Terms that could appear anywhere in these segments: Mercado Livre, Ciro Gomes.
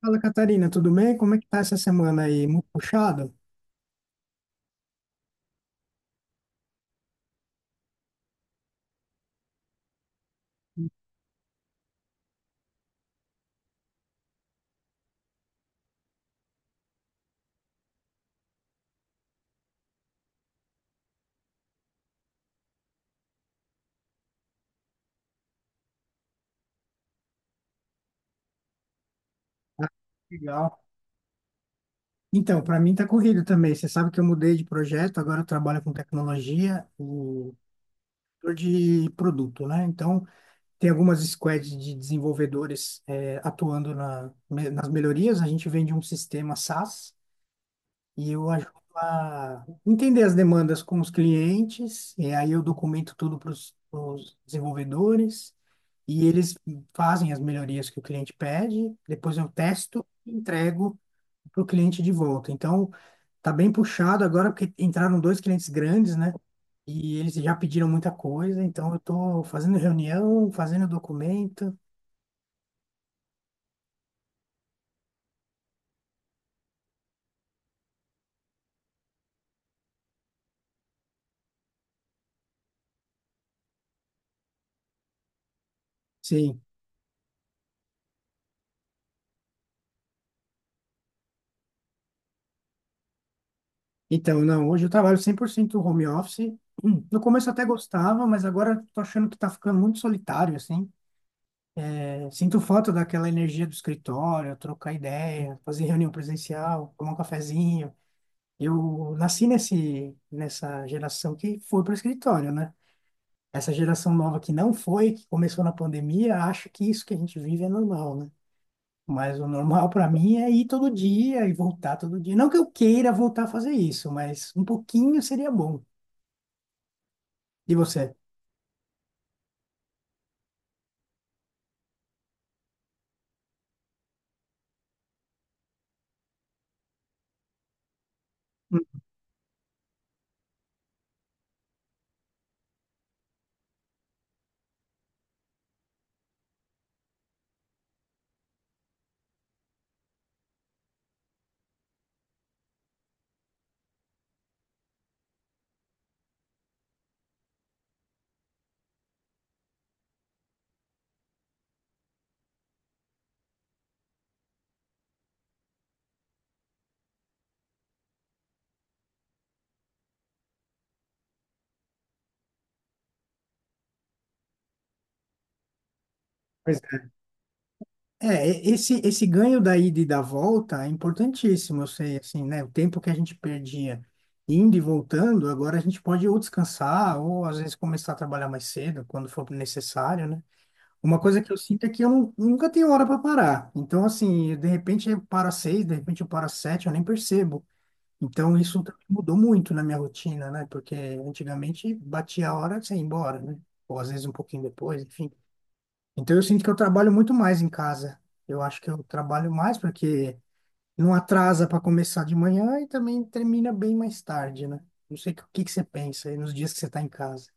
Fala, Catarina, tudo bem? Como é que tá essa semana aí? Muito puxado? Legal. Então, para mim tá corrido também. Você sabe que eu mudei de projeto, agora eu trabalho com tecnologia, o setor de produto, né? Então, tem algumas squads de desenvolvedores atuando nas melhorias. A gente vende um sistema SaaS. E eu ajudo a entender as demandas com os clientes, e aí eu documento tudo para os desenvolvedores, e eles fazem as melhorias que o cliente pede, depois eu testo e entrego para o cliente de volta. Então, tá bem puxado agora, porque entraram dois clientes grandes, né? E eles já pediram muita coisa, então eu estou fazendo reunião, fazendo documento. Sim. Então, não, hoje eu trabalho 100% home office. No começo eu até gostava, mas agora tô achando que tá ficando muito solitário, assim. É, sinto falta daquela energia do escritório, trocar ideia, fazer reunião presencial, tomar um cafezinho. Eu nasci nessa geração que foi para escritório, né? Essa geração nova que não foi, que começou na pandemia, acha que isso que a gente vive é normal, né? Mas o normal para mim é ir todo dia e voltar todo dia. Não que eu queira voltar a fazer isso, mas um pouquinho seria bom. E você? Pois é. É, esse ganho da ida e da volta é importantíssimo, eu sei, assim, né? O tempo que a gente perdia indo e voltando, agora a gente pode ou descansar, ou às vezes começar a trabalhar mais cedo, quando for necessário, né? Uma coisa que eu sinto é que eu nunca tenho hora para parar. Então, assim, de repente eu paro às seis, de repente eu paro às sete, eu nem percebo. Então, isso também mudou muito na minha rotina, né? Porque antigamente batia a hora e você ia embora, né? Ou às vezes um pouquinho depois, enfim. Então eu sinto que eu trabalho muito mais em casa. Eu acho que eu trabalho mais porque não atrasa para começar de manhã e também termina bem mais tarde, né? Não sei o que que você pensa aí nos dias que você está em casa.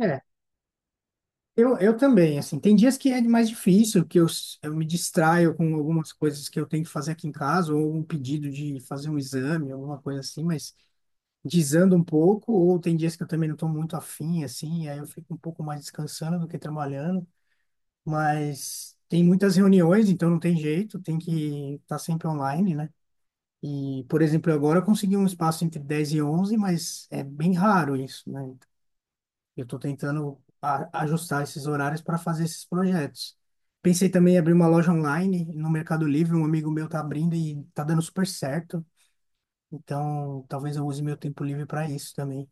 É, eu também, assim, tem dias que é mais difícil, que eu me distraio com algumas coisas que eu tenho que fazer aqui em casa, ou um pedido de fazer um exame, alguma coisa assim, mas desando um pouco, ou tem dias que eu também não estou muito afim, assim, e aí eu fico um pouco mais descansando do que trabalhando. Mas tem muitas reuniões, então não tem jeito, tem que estar sempre online, né? E, por exemplo, agora eu consegui um espaço entre 10 e onze, mas é bem raro isso, né? Eu estou tentando ajustar esses horários para fazer esses projetos. Pensei também em abrir uma loja online no Mercado Livre, um amigo meu está abrindo e está dando super certo. Então, talvez eu use meu tempo livre para isso também.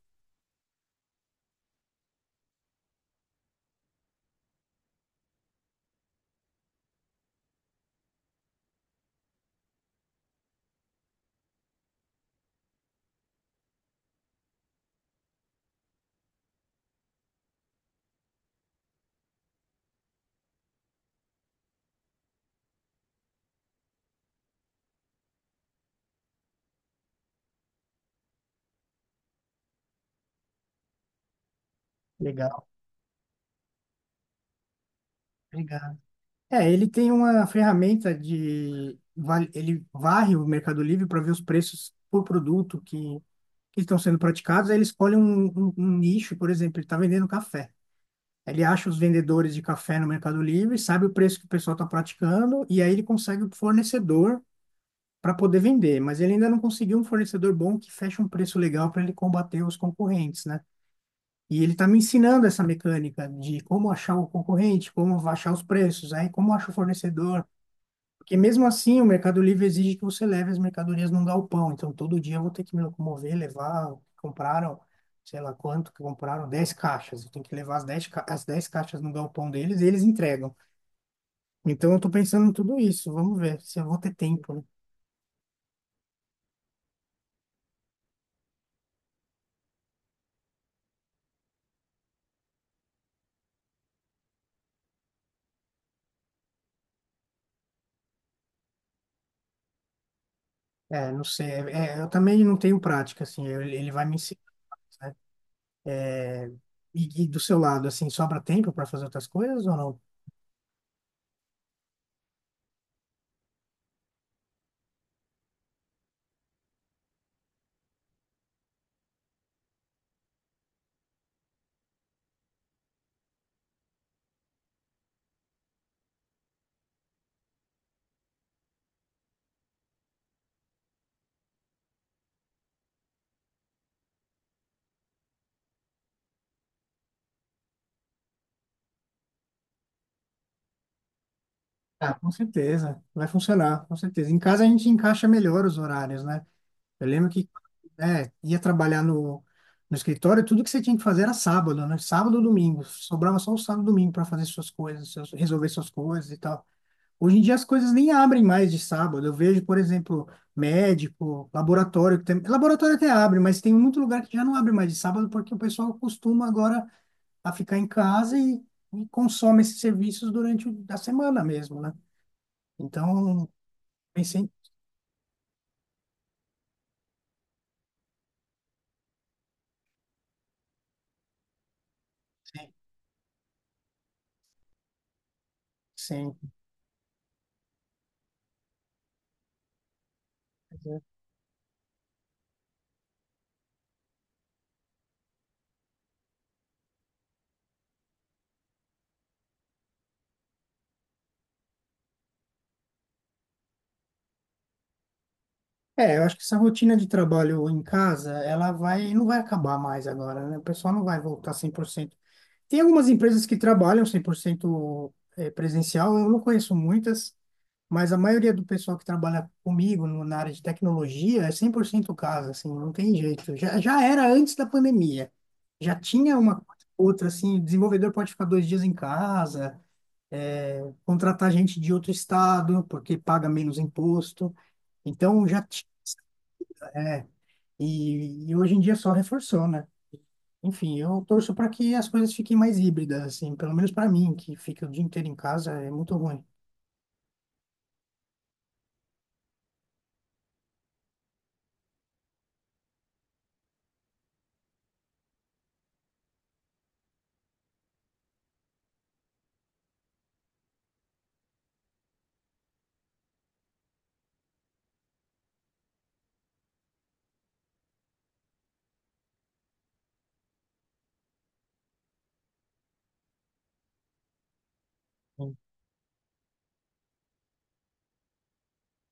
Legal. Obrigado. É, ele tem uma ferramenta. Ele varre o Mercado Livre para ver os preços por produto que estão sendo praticados. Aí ele escolhe um nicho, por exemplo, ele está vendendo café. Ele acha os vendedores de café no Mercado Livre, sabe o preço que o pessoal está praticando, e aí ele consegue o fornecedor para poder vender. Mas ele ainda não conseguiu um fornecedor bom que feche um preço legal para ele combater os concorrentes, né? E ele está me ensinando essa mecânica de como achar o concorrente, como achar os preços, aí como acha o fornecedor. Porque mesmo assim, o Mercado Livre exige que você leve as mercadorias num galpão. Então, todo dia eu vou ter que me locomover, levar. Compraram, sei lá quanto que compraram, 10 caixas. Eu tenho que levar as 10 caixas no galpão deles e eles entregam. Então, eu tô pensando em tudo isso. Vamos ver se eu vou ter tempo, né? É, não sei. É, é, eu também não tenho prática, assim. Ele vai me ensinar, né? E do seu lado, assim, sobra tempo para fazer outras coisas ou não? Ah, com certeza. Vai funcionar, com certeza. Em casa a gente encaixa melhor os horários, né? Eu lembro que ia trabalhar no escritório, tudo que você tinha que fazer era sábado, né? Sábado, ou domingo. Sobrava só o sábado, e domingo para fazer suas coisas, resolver suas coisas e tal. Hoje em dia as coisas nem abrem mais de sábado. Eu vejo, por exemplo, médico, laboratório, que tem, laboratório até abre, mas tem muito lugar que já não abre mais de sábado porque o pessoal costuma agora a ficar em casa e, consome esses serviços durante a semana mesmo, né? Então, pensei, sim, sim. É, eu acho que essa rotina de trabalho em casa, ela vai, não vai acabar mais agora, né? O pessoal não vai voltar 100%. Tem algumas empresas que trabalham 100% presencial, eu não conheço muitas, mas a maioria do pessoal que trabalha comigo na área de tecnologia é 100% casa, assim, não tem jeito. Já era antes da pandemia. Já tinha uma coisa ou outra, assim, o desenvolvedor pode ficar 2 dias em casa, contratar gente de outro estado, porque paga menos imposto. Então, já tinha. E hoje em dia só reforçou, né? Enfim, eu torço para que as coisas fiquem mais híbridas, assim, pelo menos para mim, que fica o dia inteiro em casa, é muito ruim.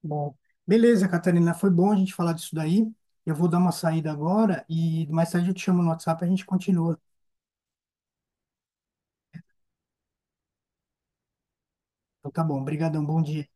Bom, beleza, Catarina, foi bom a gente falar disso daí. Eu vou dar uma saída agora e mais tarde eu te chamo no WhatsApp e a gente continua. Então tá bom, brigadão, bom dia.